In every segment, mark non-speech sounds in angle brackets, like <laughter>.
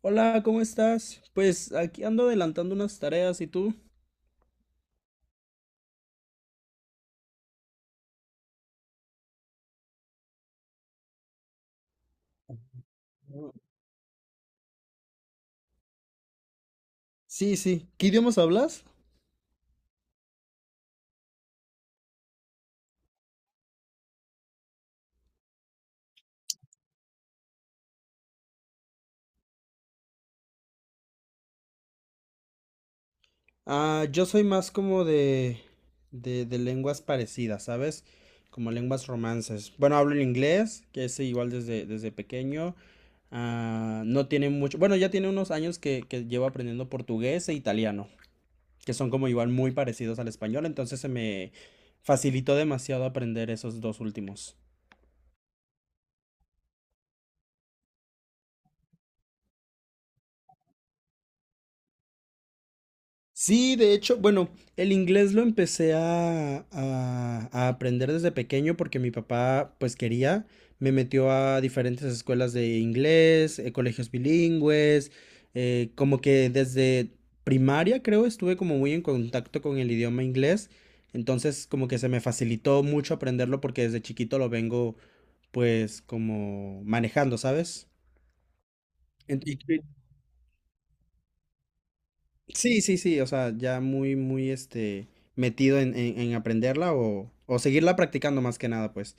Hola, ¿cómo estás? Pues aquí ando adelantando unas tareas, ¿y tú? Sí, sí. ¿Qué idiomas hablas? Ah, yo soy más como de lenguas parecidas, ¿sabes? Como lenguas romances. Bueno, hablo el inglés, que es igual desde pequeño. Ah, no tiene mucho, bueno, ya tiene unos años que llevo aprendiendo portugués e italiano, que son como igual muy parecidos al español, entonces se me facilitó demasiado aprender esos dos últimos. Sí, de hecho, bueno, el inglés lo empecé a aprender desde pequeño porque mi papá, pues quería, me metió a diferentes escuelas de inglés, colegios bilingües, como que desde primaria creo estuve como muy en contacto con el idioma inglés, entonces como que se me facilitó mucho aprenderlo porque desde chiquito lo vengo pues como manejando, ¿sabes? Sí, sí, sí, o sea, ya muy, muy, metido en aprenderla o seguirla practicando más que nada, pues.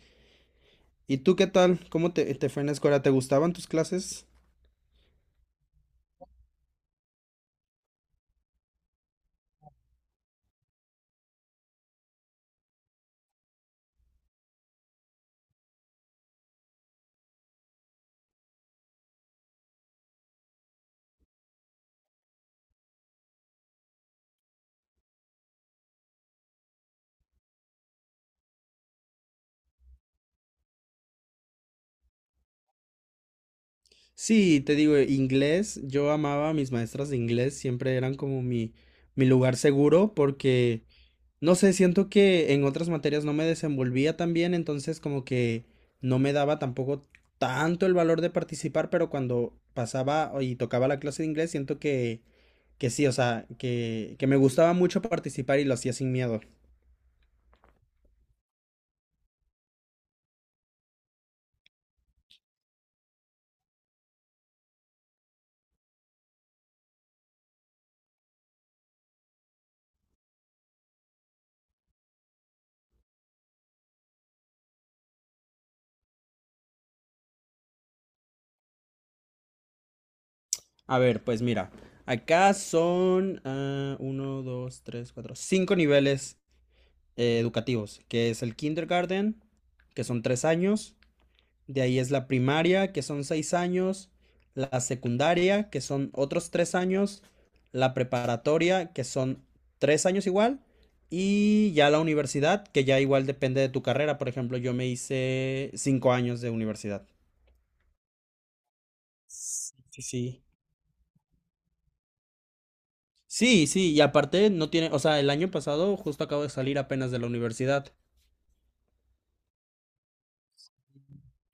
¿Y tú qué tal? ¿Cómo te fue en la escuela? ¿Te gustaban tus clases? Sí, te digo, inglés, yo amaba a mis maestras de inglés, siempre eran como mi lugar seguro porque no sé, siento que en otras materias no me desenvolvía tan bien, entonces como que no me daba tampoco tanto el valor de participar, pero cuando pasaba y tocaba la clase de inglés, siento que sí, o sea, que me gustaba mucho participar y lo hacía sin miedo. A ver, pues mira, acá son uno, dos, tres, cuatro, cinco niveles educativos, que es el kindergarten, que son 3 años. De ahí es la primaria, que son 6 años, la secundaria, que son otros 3 años, la preparatoria, que son 3 años igual, y ya la universidad, que ya igual depende de tu carrera. Por ejemplo, yo me hice 5 años de universidad. Sí, sí. Sí, sí, sí, y aparte no tiene, o sea, el año pasado justo acabo de salir apenas de la universidad.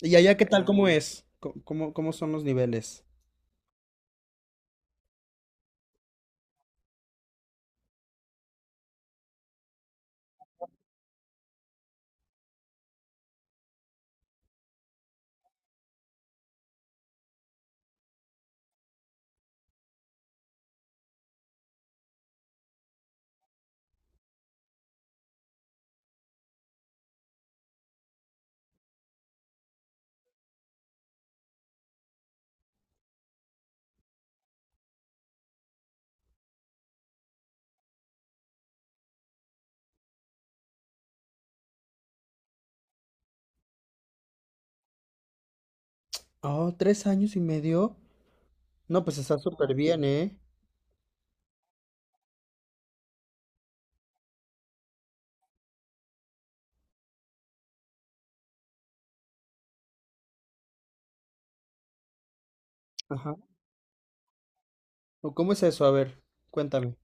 ¿Y allá qué tal? ¿Cómo es? ¿Cómo son los niveles? Oh, 3 años y medio. No, pues está súper bien, ¿eh? ¿O cómo es eso? A ver, cuéntame.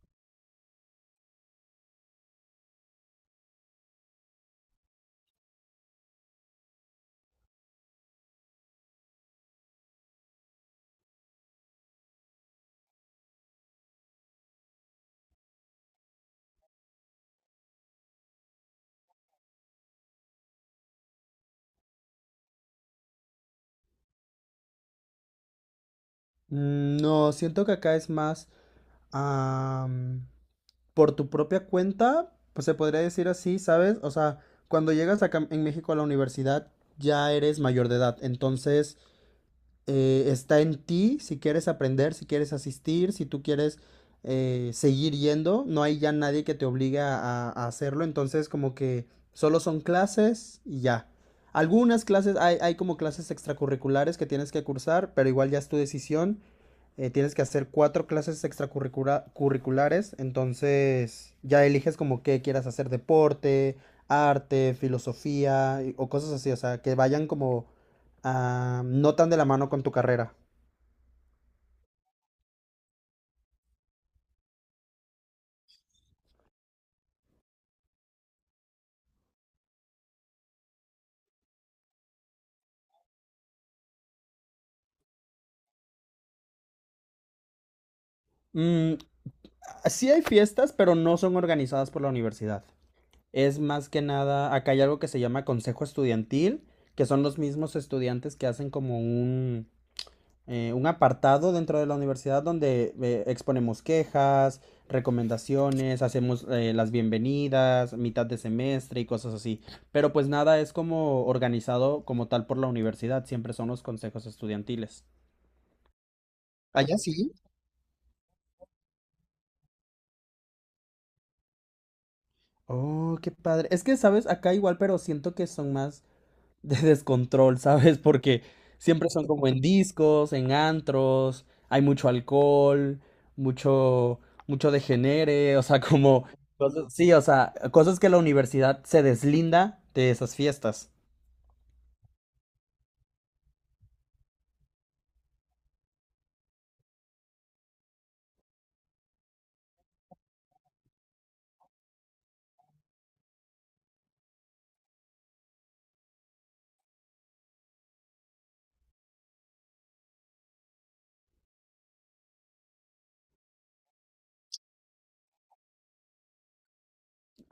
No, siento que acá es más am, por tu propia cuenta, pues se podría decir así, ¿sabes? O sea, cuando llegas acá en México a la universidad ya eres mayor de edad, entonces está en ti si quieres aprender, si quieres asistir, si tú quieres seguir yendo, no hay ya nadie que te obligue a hacerlo, entonces como que solo son clases y ya. Algunas clases, hay como clases extracurriculares que tienes que cursar, pero igual ya es tu decisión. Tienes que hacer cuatro clases extracurriculares, entonces ya eliges como qué quieras hacer, deporte, arte, filosofía o cosas así, o sea, que vayan como no tan de la mano con tu carrera. Mm, sí hay fiestas, pero no son organizadas por la universidad. Es más que nada, acá hay algo que se llama consejo estudiantil, que son los mismos estudiantes que hacen como un apartado dentro de la universidad donde exponemos quejas, recomendaciones, hacemos las bienvenidas, mitad de semestre y cosas así. Pero pues nada es como organizado como tal por la universidad, siempre son los consejos estudiantiles. Allá sí. Oh, qué padre. Es que, ¿sabes? Acá igual, pero siento que son más de descontrol, ¿sabes? Porque siempre son como en discos, en antros, hay mucho alcohol, mucho, mucho degenere, o sea, <laughs> como cosas, sí, o sea, cosas que la universidad se deslinda de esas fiestas.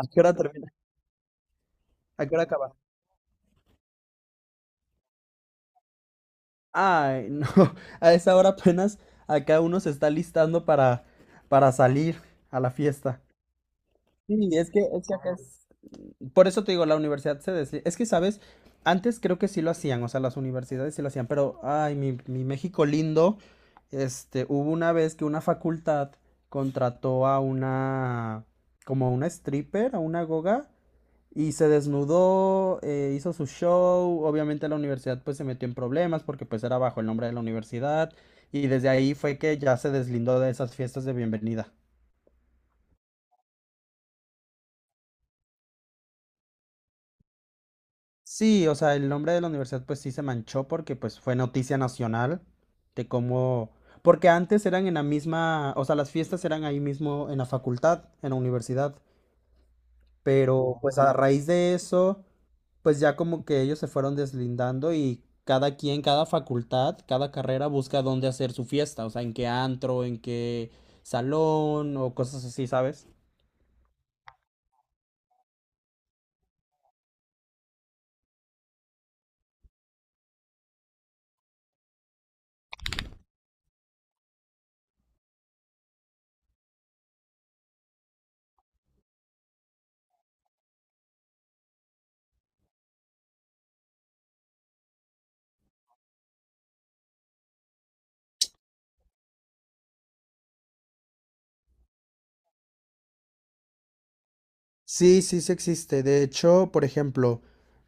¿A qué hora termina? ¿A qué hora acaba? Ay, no, <laughs> a esa hora apenas acá uno se está listando para salir a la fiesta. Sí, es que acá es... Por eso te digo, la universidad se desliga. Es que, ¿sabes? Antes creo que sí lo hacían, o sea, las universidades sí lo hacían, pero, ay, mi México lindo, hubo una vez que una facultad contrató a una, como a una stripper, a una goga, y se desnudó, hizo su show. Obviamente la universidad pues se metió en problemas porque pues era bajo el nombre de la universidad, y desde ahí fue que ya se deslindó de esas fiestas de bienvenida. Sí, o sea, el nombre de la universidad pues sí se manchó porque pues fue noticia nacional de cómo... Porque antes eran en la misma, o sea, las fiestas eran ahí mismo en la facultad, en la universidad, pero pues a raíz de eso, pues ya como que ellos se fueron deslindando y cada quien, cada facultad, cada carrera busca dónde hacer su fiesta, o sea, en qué antro, en qué salón o cosas así, ¿sabes? Sí, sí, sí existe. De hecho, por ejemplo,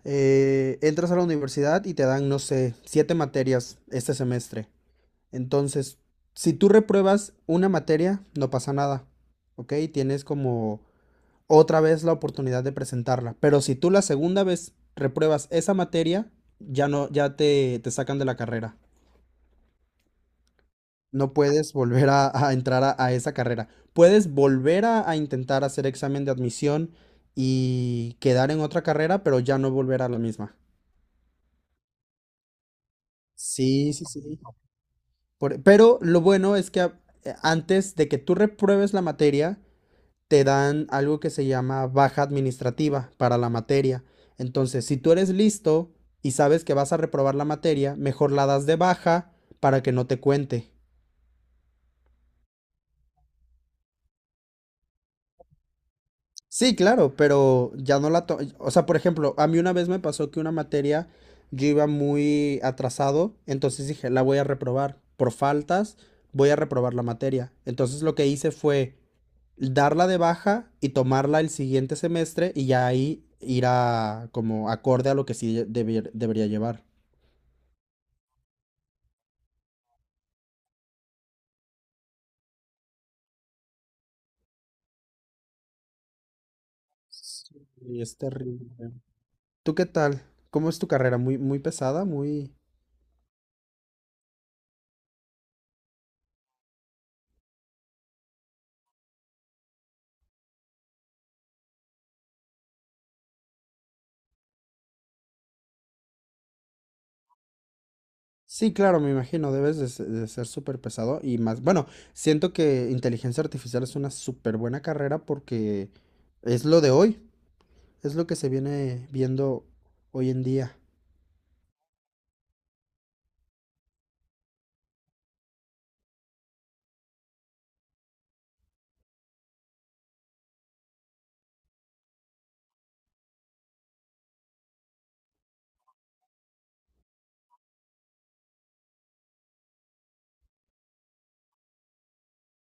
entras a la universidad y te dan, no sé, siete materias este semestre. Entonces, si tú repruebas una materia, no pasa nada, ¿ok? Tienes como otra vez la oportunidad de presentarla. Pero si tú la segunda vez repruebas esa materia, ya no, ya te sacan de la carrera. No puedes volver a entrar a esa carrera. Puedes volver a intentar hacer examen de admisión y quedar en otra carrera, pero ya no volver a la misma. Sí, sí, sí. Pero lo bueno es que antes de que tú repruebes la materia, te dan algo que se llama baja administrativa para la materia. Entonces, si tú eres listo y sabes que vas a reprobar la materia, mejor la das de baja para que no te cuente. Sí, claro, pero ya no la O sea, por ejemplo, a mí una vez me pasó que una materia yo iba muy atrasado, entonces dije, la voy a reprobar. Por faltas, voy a reprobar la materia. Entonces lo que hice fue darla de baja y tomarla el siguiente semestre y ya ahí ir a como acorde a lo que sí debería llevar. Sí, es terrible. ¿Tú qué tal? ¿Cómo es tu carrera? ¿Muy, muy pesada? Muy... Sí, claro, me imagino, debes de ser súper pesado y más, bueno, siento que inteligencia artificial es una súper buena carrera porque es lo de hoy, es lo que se viene viendo hoy en día.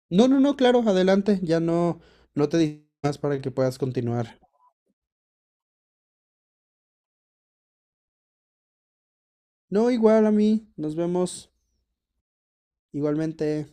No, no, no, claro, adelante, ya no, no te digo más para que puedas continuar. No, igual a mí, nos vemos igualmente.